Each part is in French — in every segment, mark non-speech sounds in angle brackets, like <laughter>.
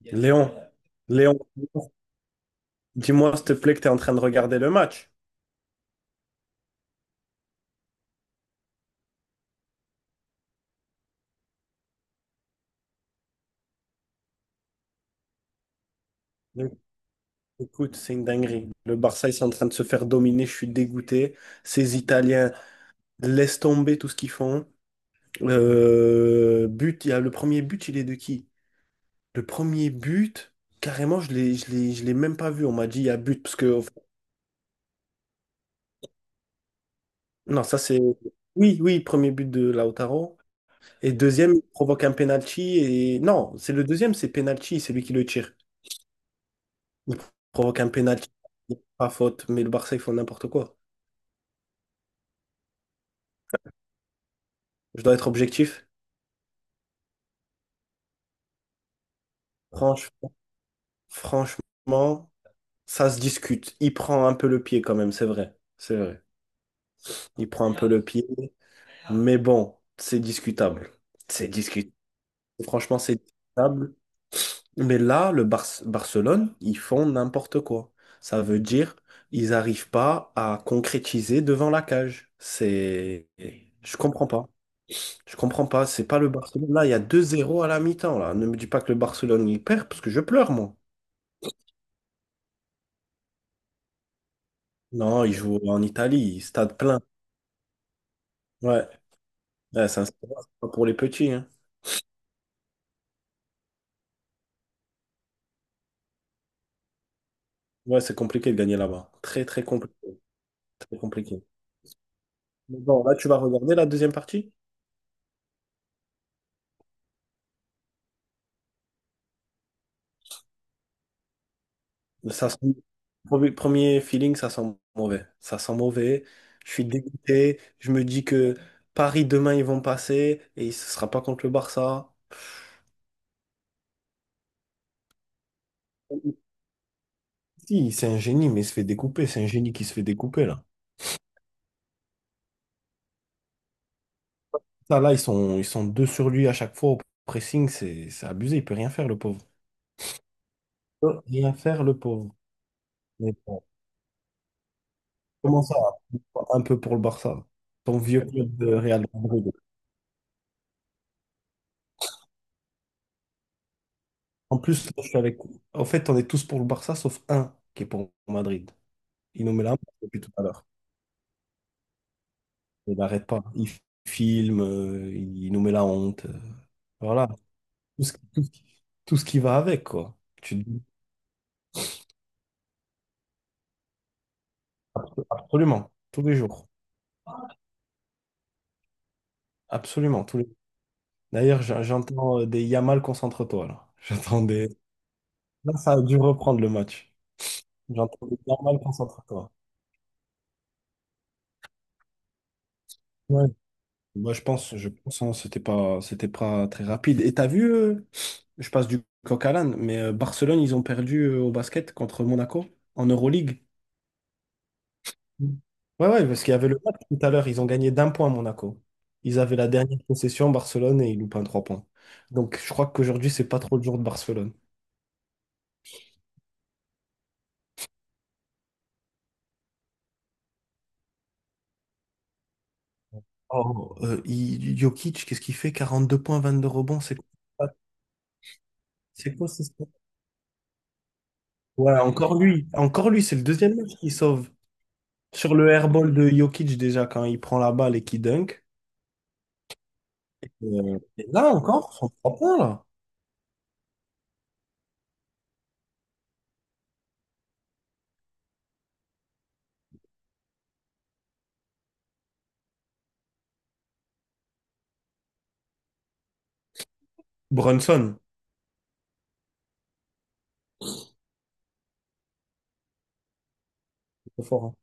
Il y a- Léon, Léon, dis-moi s'il te plaît que tu es en train de regarder le match. Donc, Écoute, c'est une dinguerie. Le Barça, ils sont en train de se faire dominer. Je suis dégoûté. Ces Italiens laissent tomber tout ce qu'ils font. But, il y a le premier but, il est de qui? Le premier but, carrément, je l'ai même pas vu. On m'a dit il y a but parce que non, ça c'est oui, oui, premier but de Lautaro. Et deuxième, il provoque un penalty. Et non, c'est le deuxième, c'est penalty, c'est lui qui le tire. Ils provoquent un pénalty, pas faute, mais le Barça, ils font n'importe quoi. Je dois être objectif. Franch- franchement, ça se discute. Il prend un peu le pied quand même, c'est vrai. C'est vrai. Il prend un peu le pied, mais bon, c'est discutable. C'est discutable. Franchement, c'est discutable. Mais là, Barcelone, ils font n'importe quoi. Ça veut dire, ils n'arrivent pas à concrétiser devant la cage. C'est... Je comprends pas. Je comprends pas, c'est pas le Barcelone. Là, il y a deux zéro à la mi-temps, là. Ne me dis pas que le Barcelone il perd parce que je pleure, moi. Non, il joue en Italie, stade plein. Ouais. Ouais, c'est un stade, c'est pas pour les petits, hein. Ouais, c'est compliqué de gagner là-bas. Très, très compliqué. Très compliqué. Mais bon, là, tu vas regarder la deuxième partie? Ça sent- Premier premier feeling, ça sent mauvais. Ça sent mauvais. Je suis dégoûté. Je me dis que Paris, demain, ils vont passer et ce sera pas contre le Barça. Si, c'est un génie, mais il se fait découper. C'est un génie qui se fait découper, là. Ça, là, ils sont deux sur lui à chaque fois au pressing, c'est abusé, il peut rien faire, le pauvre. Il peut rien faire, le pauvre. Mais bon, comment ça, un peu pour le Barça, ton vieux club de Real Madrid. En plus, là, je suis avec... En fait, on est tous pour le Barça, sauf un qui est pour Madrid. Il nous met la honte depuis tout à l'heure. Il n'arrête pas. Il filme, il nous met la honte. Voilà. Tout ce, tout ce- tout ce qui va avec, quoi. Tu te dis absolument, tous les jours. Absolument, tous les d'ailleurs, j'entends des Yamal, concentre-toi là. <laughs> J'entends des. Là, ça a dû reprendre le match. J'entends des Yamal, concentre-toi. Ouais. Moi, je pense, hein, c'était pas très rapide. Et t'as vu, je passe du coq à l'âne, mais Barcelone, ils ont perdu au basket contre Monaco en Euroleague. Mm. Ouais, ouais, parce qu'il y avait le match tout à l'heure, ils ont gagné d'un point Monaco. Ils avaient la dernière possession, Barcelone, et ils loupent un trois points. Donc, je crois qu'aujourd'hui, c'est pas trop le jour de Barcelone. Oh, Jokic, qu'est-ce qu'il fait? 42 points, 22 rebonds, c'est quoi? C'est quoi ce score. Ouais, encore lui. Encore lui, c'est le deuxième match qu'il sauve. Sur le airball de Jokic, déjà, quand il prend la balle et qu'il dunk. Et là encore, son trois points, là. Brunson, c'est fort, hein.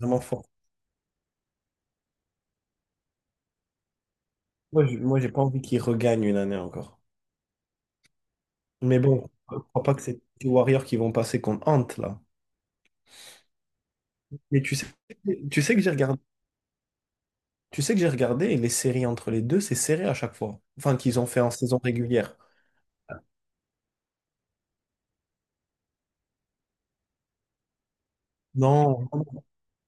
Vraiment fort. Moi, j'ai pas envie qu'il regagne une année encore. Mais bon, je crois pas que c'est les Warriors qui vont passer contre Ant, là. Mais tu sais, tu sais que j'ai regardé, tu sais que j'ai regardé et les séries entre les deux, c'est serré à chaque fois. Enfin, qu'ils ont fait en saison régulière. Non,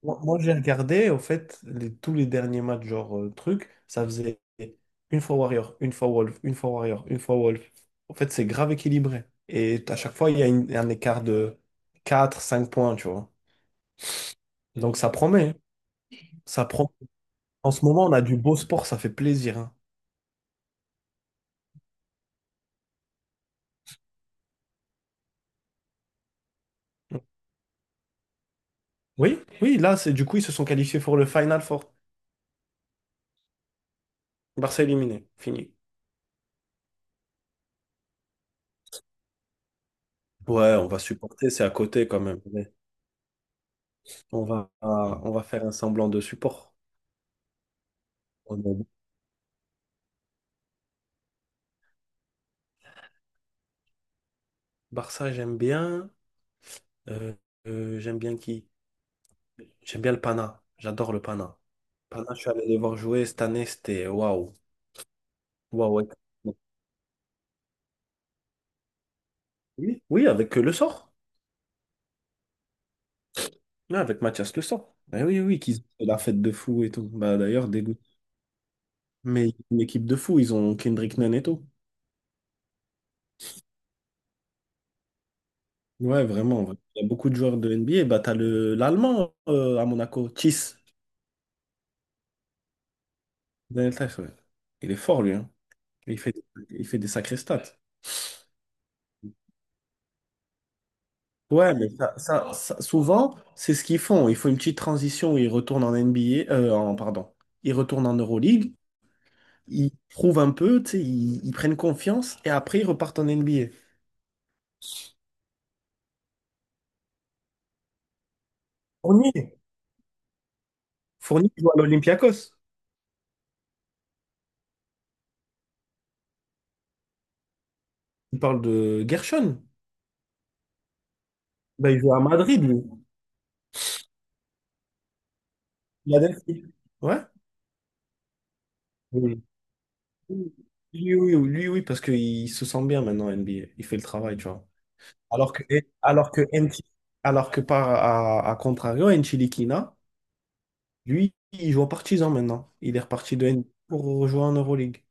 moi, j'ai regardé, au fait, les- tous les derniers matchs, genre truc, ça faisait une fois Warrior, une fois Wolf, une fois Warrior, une fois Wolf. En fait, c'est grave équilibré. Et à chaque fois, il y a un écart de 4, 5 points, tu vois. Donc ça promet, hein. Ça promet. En ce moment, on a du beau sport, ça fait plaisir, hein. Oui, oui, là, c'est du coup, ils se sont qualifiés pour le Final Four. Barça éliminé, fini. Ouais, on va supporter, c'est à côté quand même. Mais on va faire un semblant de support. On est Barça, j'aime bien. Euh, j'aime bien qui? J'aime bien le Pana. J'adore le Pana. Pana, je suis allé les voir jouer cette année, c'était waouh. Waouh, ouais. Oui, oui, avec Le Sort. Oui, avec Mathias Le Sort. Eh oui, oui, qu'ils ont fait la fête de fou et tout. Bah, d'ailleurs, dégoût. Mais une équipe de fou, ils ont Kendrick Nunn et tout. Ouais, vraiment, ouais. Il y a beaucoup de joueurs de NBA. Bah, t'as le l'Allemand à Monaco, Thies. Daniel Theis, ouais. Il est fort, lui, hein. Il fait, il fait des sacrés stats. Ouais, mais souvent, c'est ce qu'ils font. Ils font une petite transition où ils retournent en NBA, pardon, ils retournent en Euroleague, ils prouvent un peu, tu sais, ils prennent confiance et après ils repartent en NBA. Fournier, Fournier joue à l'Olympiakos. Il parle de Gershon. Ben, il joue à Madrid, lui. Philadelphie. Ouais. Oui. Lui, oui, oui, lui, oui, parce qu'il se sent bien maintenant en NBA. Il fait le travail, tu vois. Alors que, alors que, Nchi- alors que par à contrario, Enchilikina. Lui, il joue en partisan maintenant. Il est reparti de N B A pour rejoindre en Euroleague.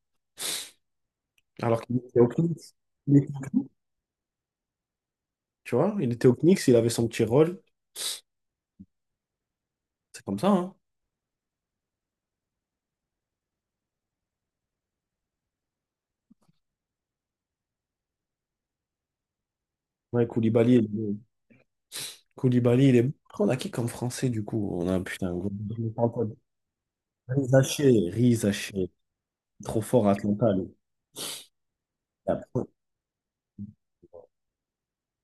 Alors qu'il était au Knicks. Il était au Knicks. Tu vois, il était au Knicks, il avait son petit rôle. C'est comme ça, hein. Ouais, Koulibaly, il est... bon. Koulibaly, il est... bon. Après, on a qui comme français, du coup? On a, putain, gros- on parle pas de- Rizaché, Rizaché. Trop fort à Atlanta, lui.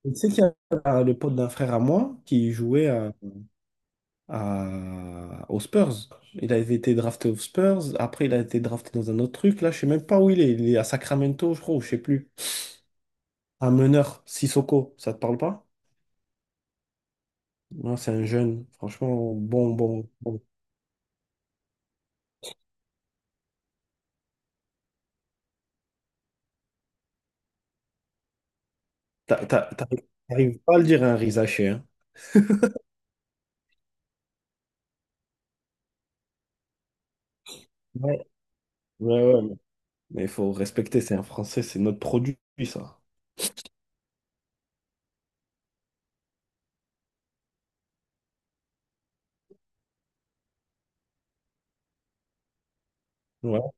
Tu sais qu'il y a le pote d'un frère à moi qui jouait à- aux Spurs. Il avait été drafté aux Spurs. Après, il a été drafté dans un autre truc. Là, je sais même pas où il est. Il est à Sacramento, je crois, ou je sais plus. Un meneur, Sissoko, ça te parle pas? Non, c'est un jeune. Franchement, bon, bon, bon. T'a- t'a- t'a- T'arrives pas à le dire à un Rizaché, hein? Ouais, ouais, ouais. Mais il faut respecter, c'est un Français, c'est notre produit, ça. Ouais.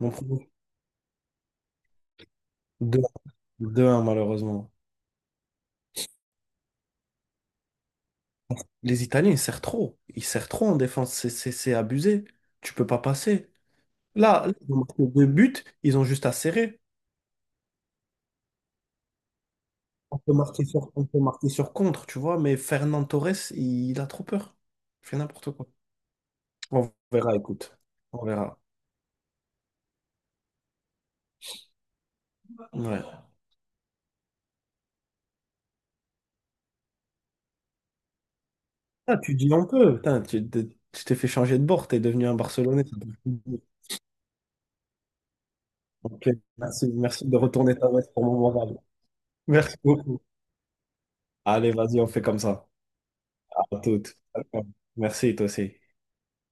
Mon produit. Deux. 1 malheureusement. Les Italiens, ils serrent trop. Ils serrent trop en défense. C'est abusé. Tu peux pas passer. Là, là, ils ont marqué deux buts, ils ont juste à serrer. On peut marquer sur contre, tu vois, mais Fernand Torres, il a trop peur. Il fait n'importe quoi. On verra, écoute. On verra. Ouais. Ah, tu dis un peu. Putain, tu t'es fait changer de bord, t'es devenu un Barcelonais. Ça peut ok, merci, merci de retourner ta veste pour mon moral. Merci beaucoup. Allez, vas-y, on fait comme ça. À toutes. Merci, toi aussi.